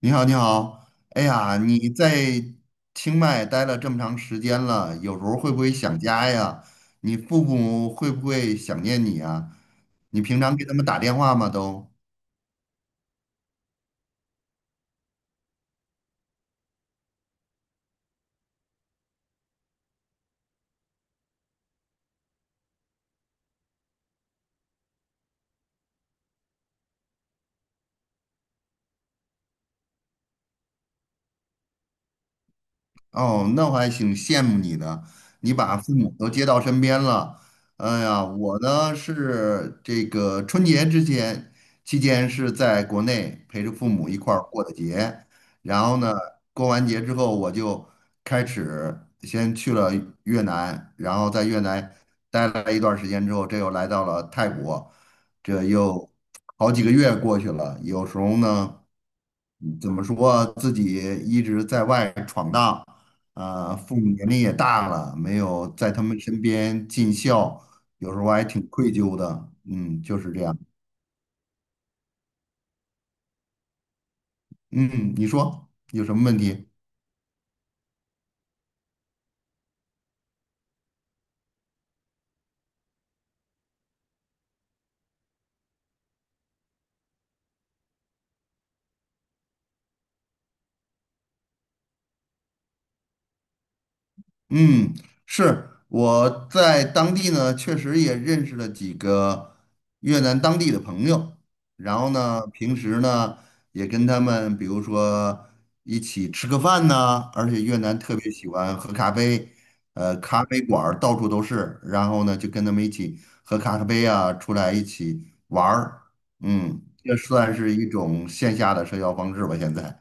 你好，你好。哎呀，你在清迈待了这么长时间了，有时候会不会想家呀？你父母会不会想念你啊？你平常给他们打电话吗？都？哦，那我还挺羡慕你的，你把父母都接到身边了。哎呀，我呢是这个春节之前期间是在国内陪着父母一块儿过的节，然后呢，过完节之后我就开始先去了越南，然后在越南待了一段时间之后，这又来到了泰国，这又好几个月过去了，有时候呢，怎么说自己一直在外闯荡。啊，父母年龄也大了，没有在他们身边尽孝，有时候还挺愧疚的。嗯，就是这样。嗯，你说有什么问题？嗯，是我在当地呢，确实也认识了几个越南当地的朋友，然后呢，平时呢也跟他们，比如说一起吃个饭呐，而且越南特别喜欢喝咖啡。咖啡馆儿到处都是，然后呢就跟他们一起喝咖啡啊，出来一起玩儿。嗯，这算是一种线下的社交方式吧，现在。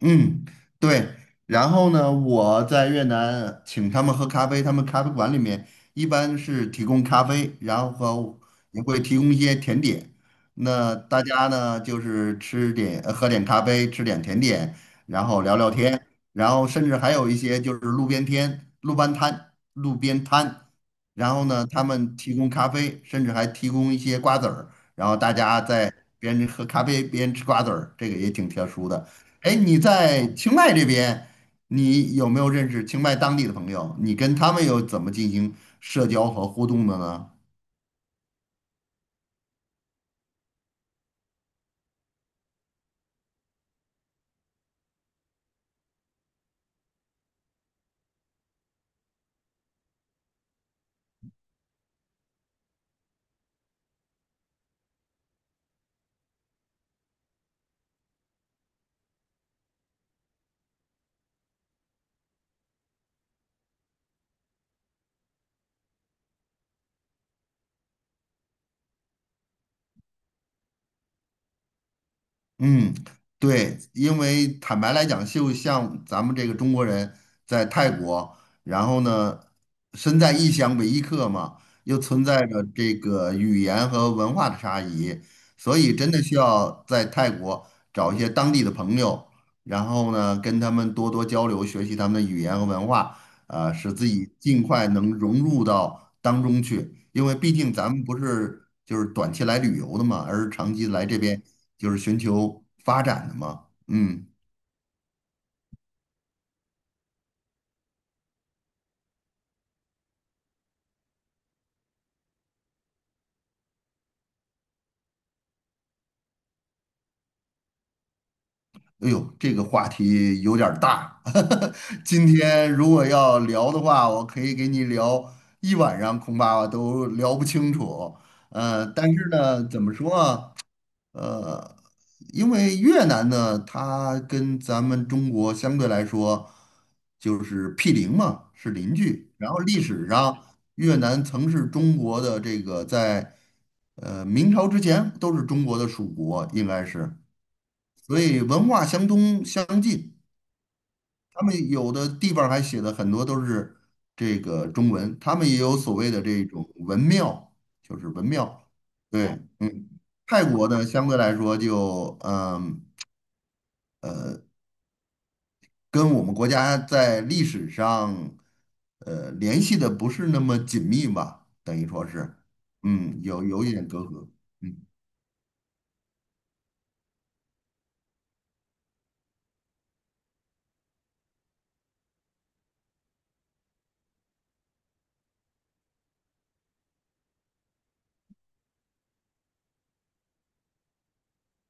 嗯，对。然后呢，我在越南请他们喝咖啡，他们咖啡馆里面一般是提供咖啡，然后和也会提供一些甜点。那大家呢，就是吃点，喝点咖啡，吃点甜点，然后聊聊天，然后甚至还有一些就是路边天、路边摊、路边摊。然后呢，他们提供咖啡，甚至还提供一些瓜子儿，然后大家在边喝咖啡边吃瓜子儿，这个也挺特殊的。哎，你在清迈这边，你有没有认识清迈当地的朋友？你跟他们又怎么进行社交和互动的呢？嗯，对，因为坦白来讲，就像咱们这个中国人在泰国，然后呢，身在异乡为异客嘛，又存在着这个语言和文化的差异，所以真的需要在泰国找一些当地的朋友，然后呢，跟他们多多交流，学习他们的语言和文化，使自己尽快能融入到当中去，因为毕竟咱们不是就是短期来旅游的嘛，而是长期来这边。就是寻求发展的嘛。嗯，哎呦，这个话题有点儿大。今天如果要聊的话，我可以给你聊一晚上，恐怕都聊不清楚。但是呢，怎么说啊？呃，因为越南呢，它跟咱们中国相对来说就是毗邻嘛，是邻居。然后历史上，越南曾是中国的这个在明朝之前都是中国的属国，应该是，所以文化相通相近。他们有的地方还写的很多都是这个中文，他们也有所谓的这种文庙，就是文庙。对，嗯，泰国呢相对来说就跟我们国家在历史上联系的不是那么紧密吧，等于说是，嗯，有一点隔阂。嗯。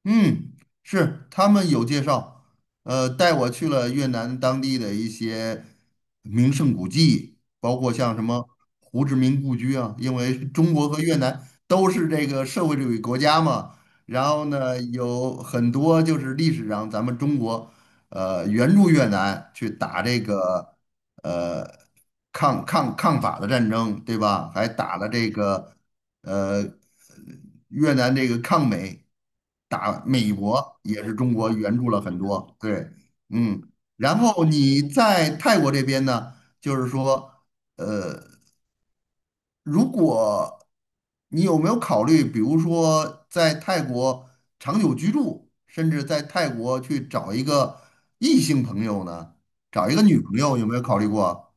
嗯，是他们有介绍，带我去了越南当地的一些名胜古迹，包括像什么胡志明故居啊，因为中国和越南都是这个社会主义国家嘛，然后呢，有很多就是历史上咱们中国，援助越南去打这个呃抗法的战争，对吧？还打了这个呃，越南这个抗美打美国也是中国援助了很多，对，嗯，然后你在泰国这边呢，就是说，如果你有没有考虑，比如说在泰国长久居住，甚至在泰国去找一个异性朋友呢，找一个女朋友，有没有考虑过？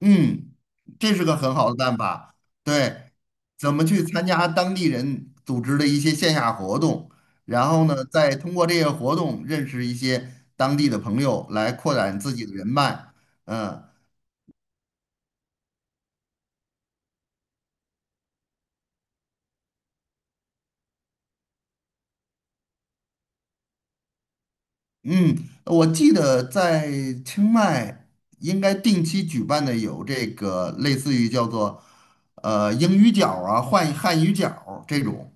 嗯，这是个很好的办法。对，怎么去参加当地人组织的一些线下活动，然后呢，再通过这些活动认识一些当地的朋友，来扩展自己的人脉。嗯嗯，我记得在清迈应该定期举办的有这个类似于叫做英语角儿啊、汉语角儿这种。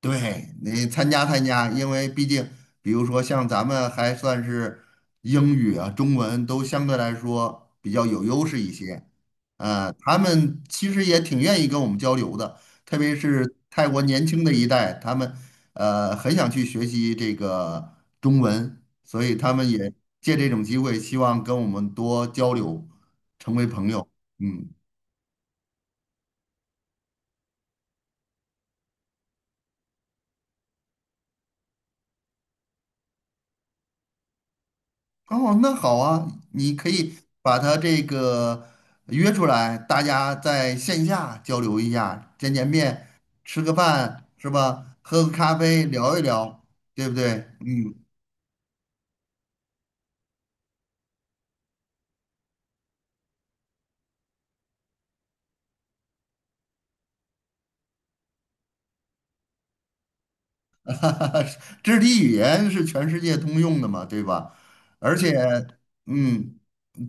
对，你参加参加，因为毕竟，比如说像咱们还算是英语啊、中文都相对来说比较有优势一些，他们其实也挺愿意跟我们交流的，特别是泰国年轻的一代，他们很想去学习这个中文，所以他们也借这种机会，希望跟我们多交流，成为朋友。嗯。哦，那好啊，你可以把他这个约出来，大家在线下交流一下，见见面，吃个饭是吧？喝个咖啡，聊一聊，对不对？嗯。肢体语言是全世界通用的嘛，对吧？而且，嗯，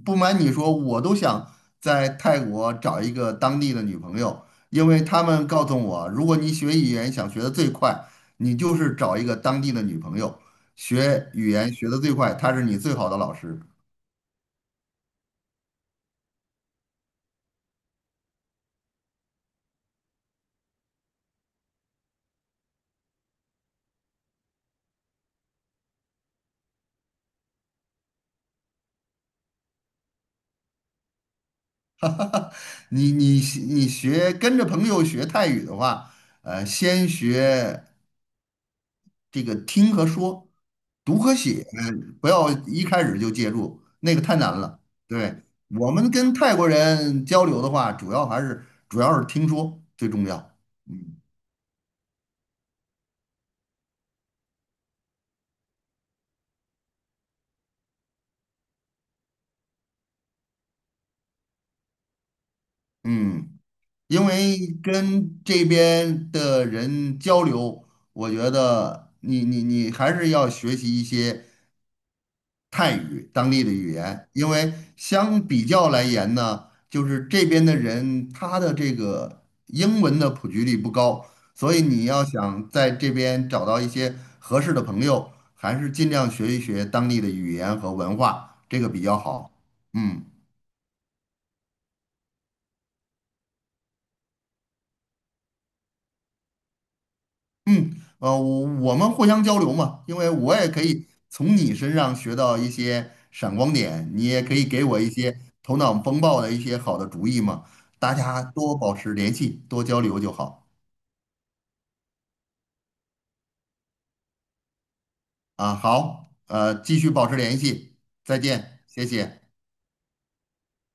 不瞒你说，我都想在泰国找一个当地的女朋友，因为他们告诉我，如果你学语言想学的最快，你就是找一个当地的女朋友，学语言学的最快，她是你最好的老师。你你你学跟着朋友学泰语的话，先学。这个听和说，读和写，不要一开始就介入，那个太难了。对，我们跟泰国人交流的话，主要是听说最重要。嗯嗯，因为跟这边的人交流，我觉得你还是要学习一些。泰语当地的语言，因为相比较来言呢，就是这边的人他的这个英文的普及率不高，所以你要想在这边找到一些合适的朋友，还是尽量学一学当地的语言和文化，这个比较好。嗯。嗯，我们互相交流嘛，因为我也可以从你身上学到一些闪光点，你也可以给我一些头脑风暴的一些好的主意嘛。大家多保持联系，多交流就好啊。好，继续保持联系，再见，谢谢。